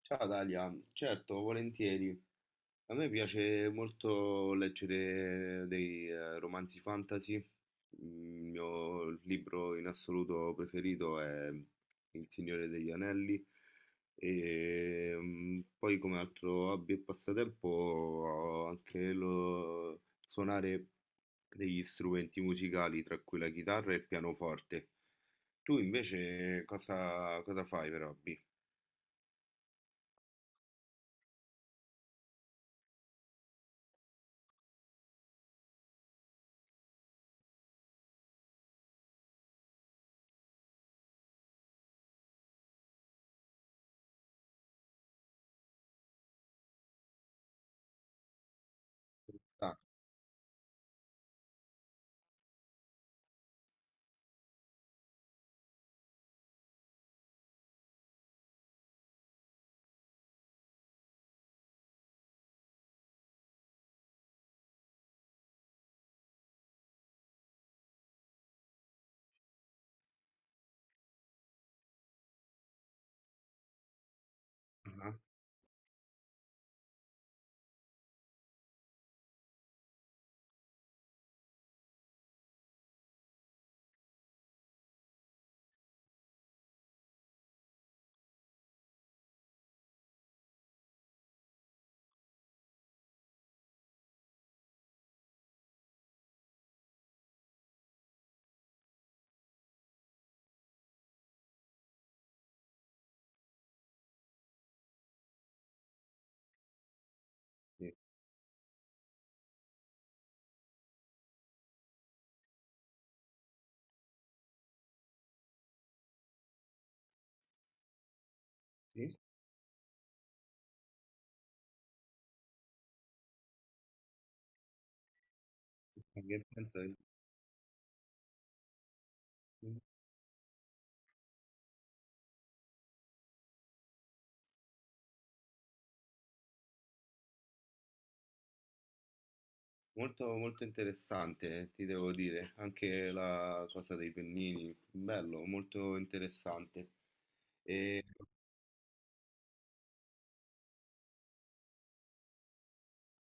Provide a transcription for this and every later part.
Ciao Dalia, certo, volentieri. A me piace molto leggere dei romanzi fantasy. Il mio libro in assoluto preferito è Il Signore degli Anelli. Poi come altro hobby e passatempo ho anche lo suonare degli strumenti musicali, tra cui la chitarra e il pianoforte. Tu invece cosa fai per hobby? Ah, ah, sì, sì. Un game plan. Molto, molto interessante, ti devo dire. Anche la cosa dei pennini, bello, molto interessante. E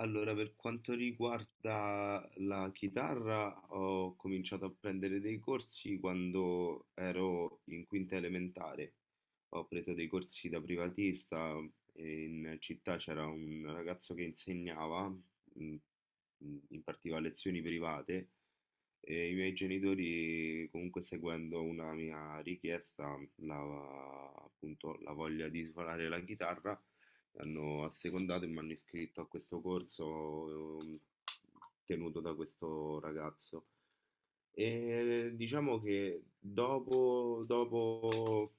allora, per quanto riguarda la chitarra, ho cominciato a prendere dei corsi quando ero in quinta elementare. Ho preso dei corsi da privatista e in città c'era un ragazzo che insegnava, impartiva lezioni private. E i miei genitori, comunque seguendo una mia richiesta, la, appunto la voglia di suonare la chitarra, hanno assecondato e mi hanno iscritto a questo corso tenuto da questo ragazzo. E diciamo che dopo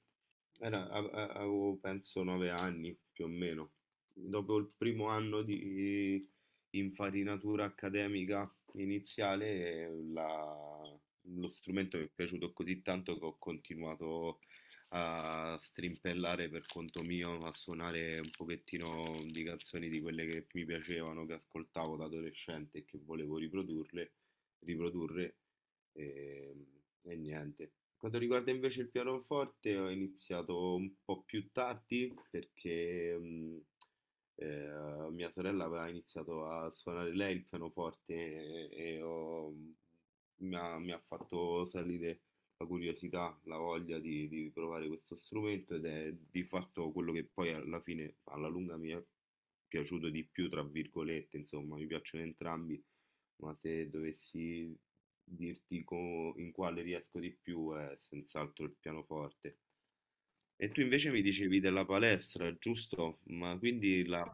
avevo penso 9 anni più o meno, dopo il primo anno di infarinatura accademica iniziale, lo strumento mi è piaciuto così tanto che ho continuato a strimpellare per conto mio, a suonare un pochettino di canzoni di quelle che mi piacevano, che ascoltavo da adolescente e che volevo riprodurle riprodurre e, e niente. Quanto riguarda invece il pianoforte, ho iniziato un po' più tardi perché mia sorella aveva iniziato a suonare lei il pianoforte e mi ha fatto salire la curiosità, la voglia di provare questo strumento ed è di fatto quello che poi alla fine, alla lunga, mi è piaciuto di più, tra virgolette, insomma, mi piacciono entrambi, ma se dovessi in quale riesco di più è senz'altro il pianoforte. E tu invece mi dicevi della palestra, giusto? Ma quindi la,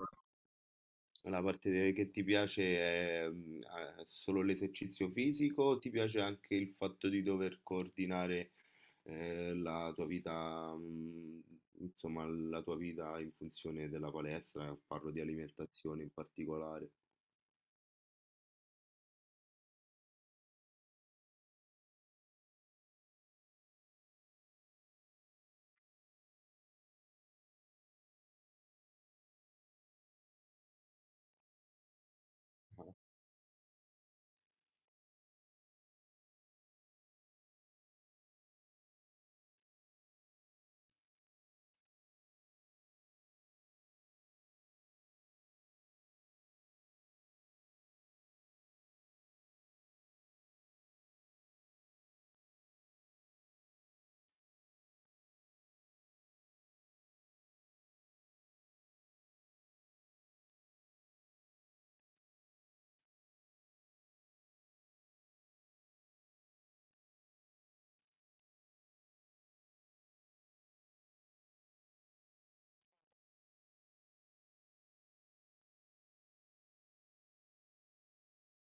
che ti piace è solo l'esercizio fisico, o ti piace anche il fatto di dover coordinare la tua vita, insomma, la tua vita in funzione della palestra? Parlo di alimentazione in particolare. Ah,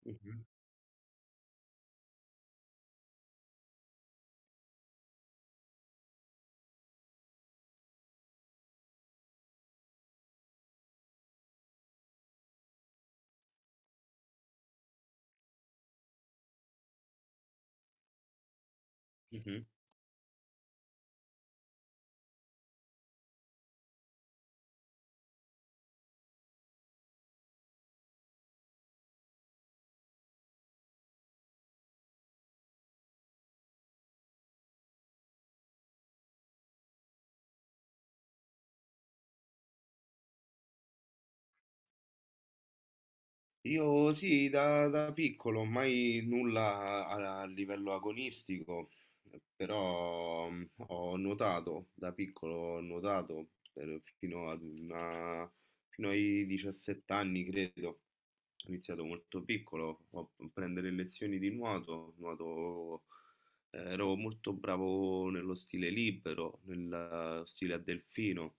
mhm, mhm. Io sì, da piccolo, mai nulla a livello agonistico, però ho nuotato, da piccolo ho fino ai 17 anni, credo. Ho iniziato molto piccolo a prendere lezioni di nuoto, ero molto bravo nello stile libero, nello stile a delfino.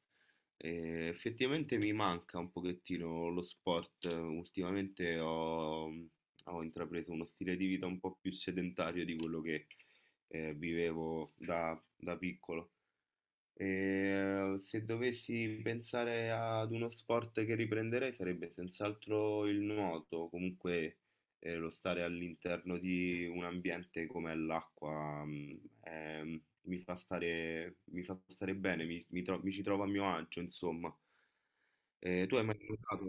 E effettivamente mi manca un pochettino lo sport. Ultimamente ho intrapreso uno stile di vita un po' più sedentario di quello che vivevo da piccolo. E se dovessi pensare ad uno sport che riprenderei sarebbe senz'altro il nuoto, comunque lo stare all'interno di un ambiente come l'acqua mi fa stare bene, mi ci trovo a mio agio, insomma. Tu hai mai nuotato?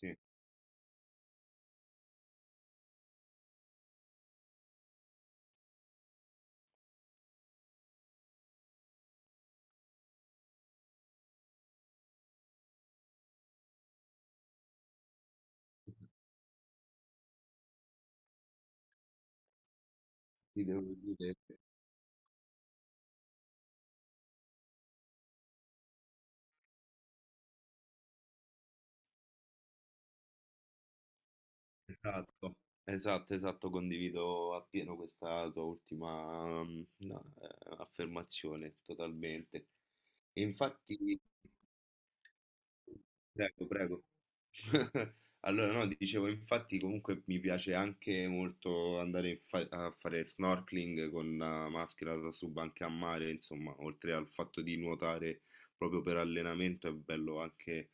Sì, ti devo dire. Esatto, esatto, esatto, condivido appieno questa tua ultima mm, no, affermazione, totalmente. Infatti, prego, prego. Allora, no, dicevo, infatti comunque mi piace anche molto andare a fare snorkeling con la maschera da sub anche a mare, insomma, oltre al fatto di nuotare proprio per allenamento, è bello anche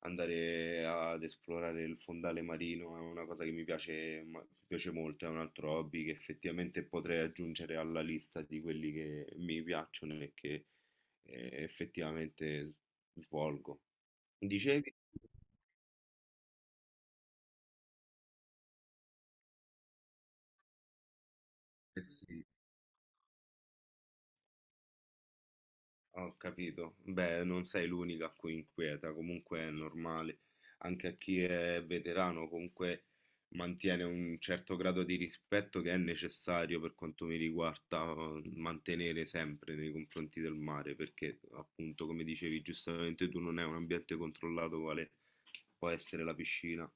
andare ad esplorare il fondale marino, è una cosa che mi piace, mi piace molto, è un altro hobby che effettivamente potrei aggiungere alla lista di quelli che mi piacciono e che effettivamente svolgo. Dicevi? Eh sì. Ho capito. Beh, non sei l'unica a cui inquieta, comunque è normale. Anche a chi è veterano, comunque mantiene un certo grado di rispetto che è necessario per quanto mi riguarda mantenere sempre nei confronti del mare, perché appunto, come dicevi giustamente tu, non è un ambiente controllato quale può essere la piscina.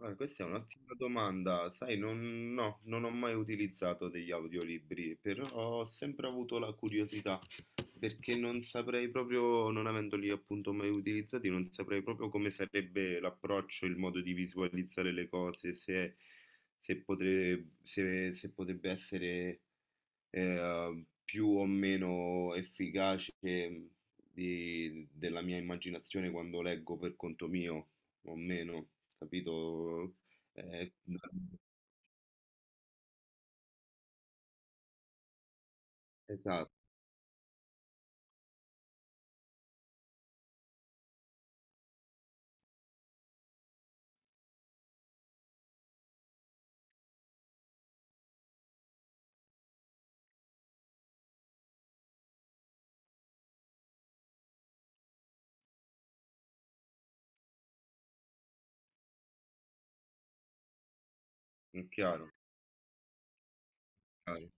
Ah, questa è un'ottima domanda. Sai, non, no, non ho mai utilizzato degli audiolibri, però ho sempre avuto la curiosità, perché non saprei proprio, non avendoli appunto mai utilizzati, non saprei proprio come sarebbe l'approccio, il modo di visualizzare le cose, se, se potrebbe essere più o meno efficace della mia immaginazione quando leggo per conto mio, o meno, capito? Eh, esatto, è chiaro, chiaro.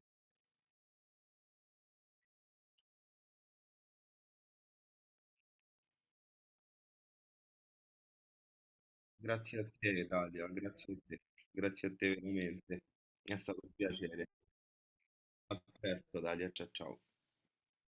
Grazie a te, Dalia, grazie a te veramente. È stato un piacere. A presto, Dalia, ciao ciao.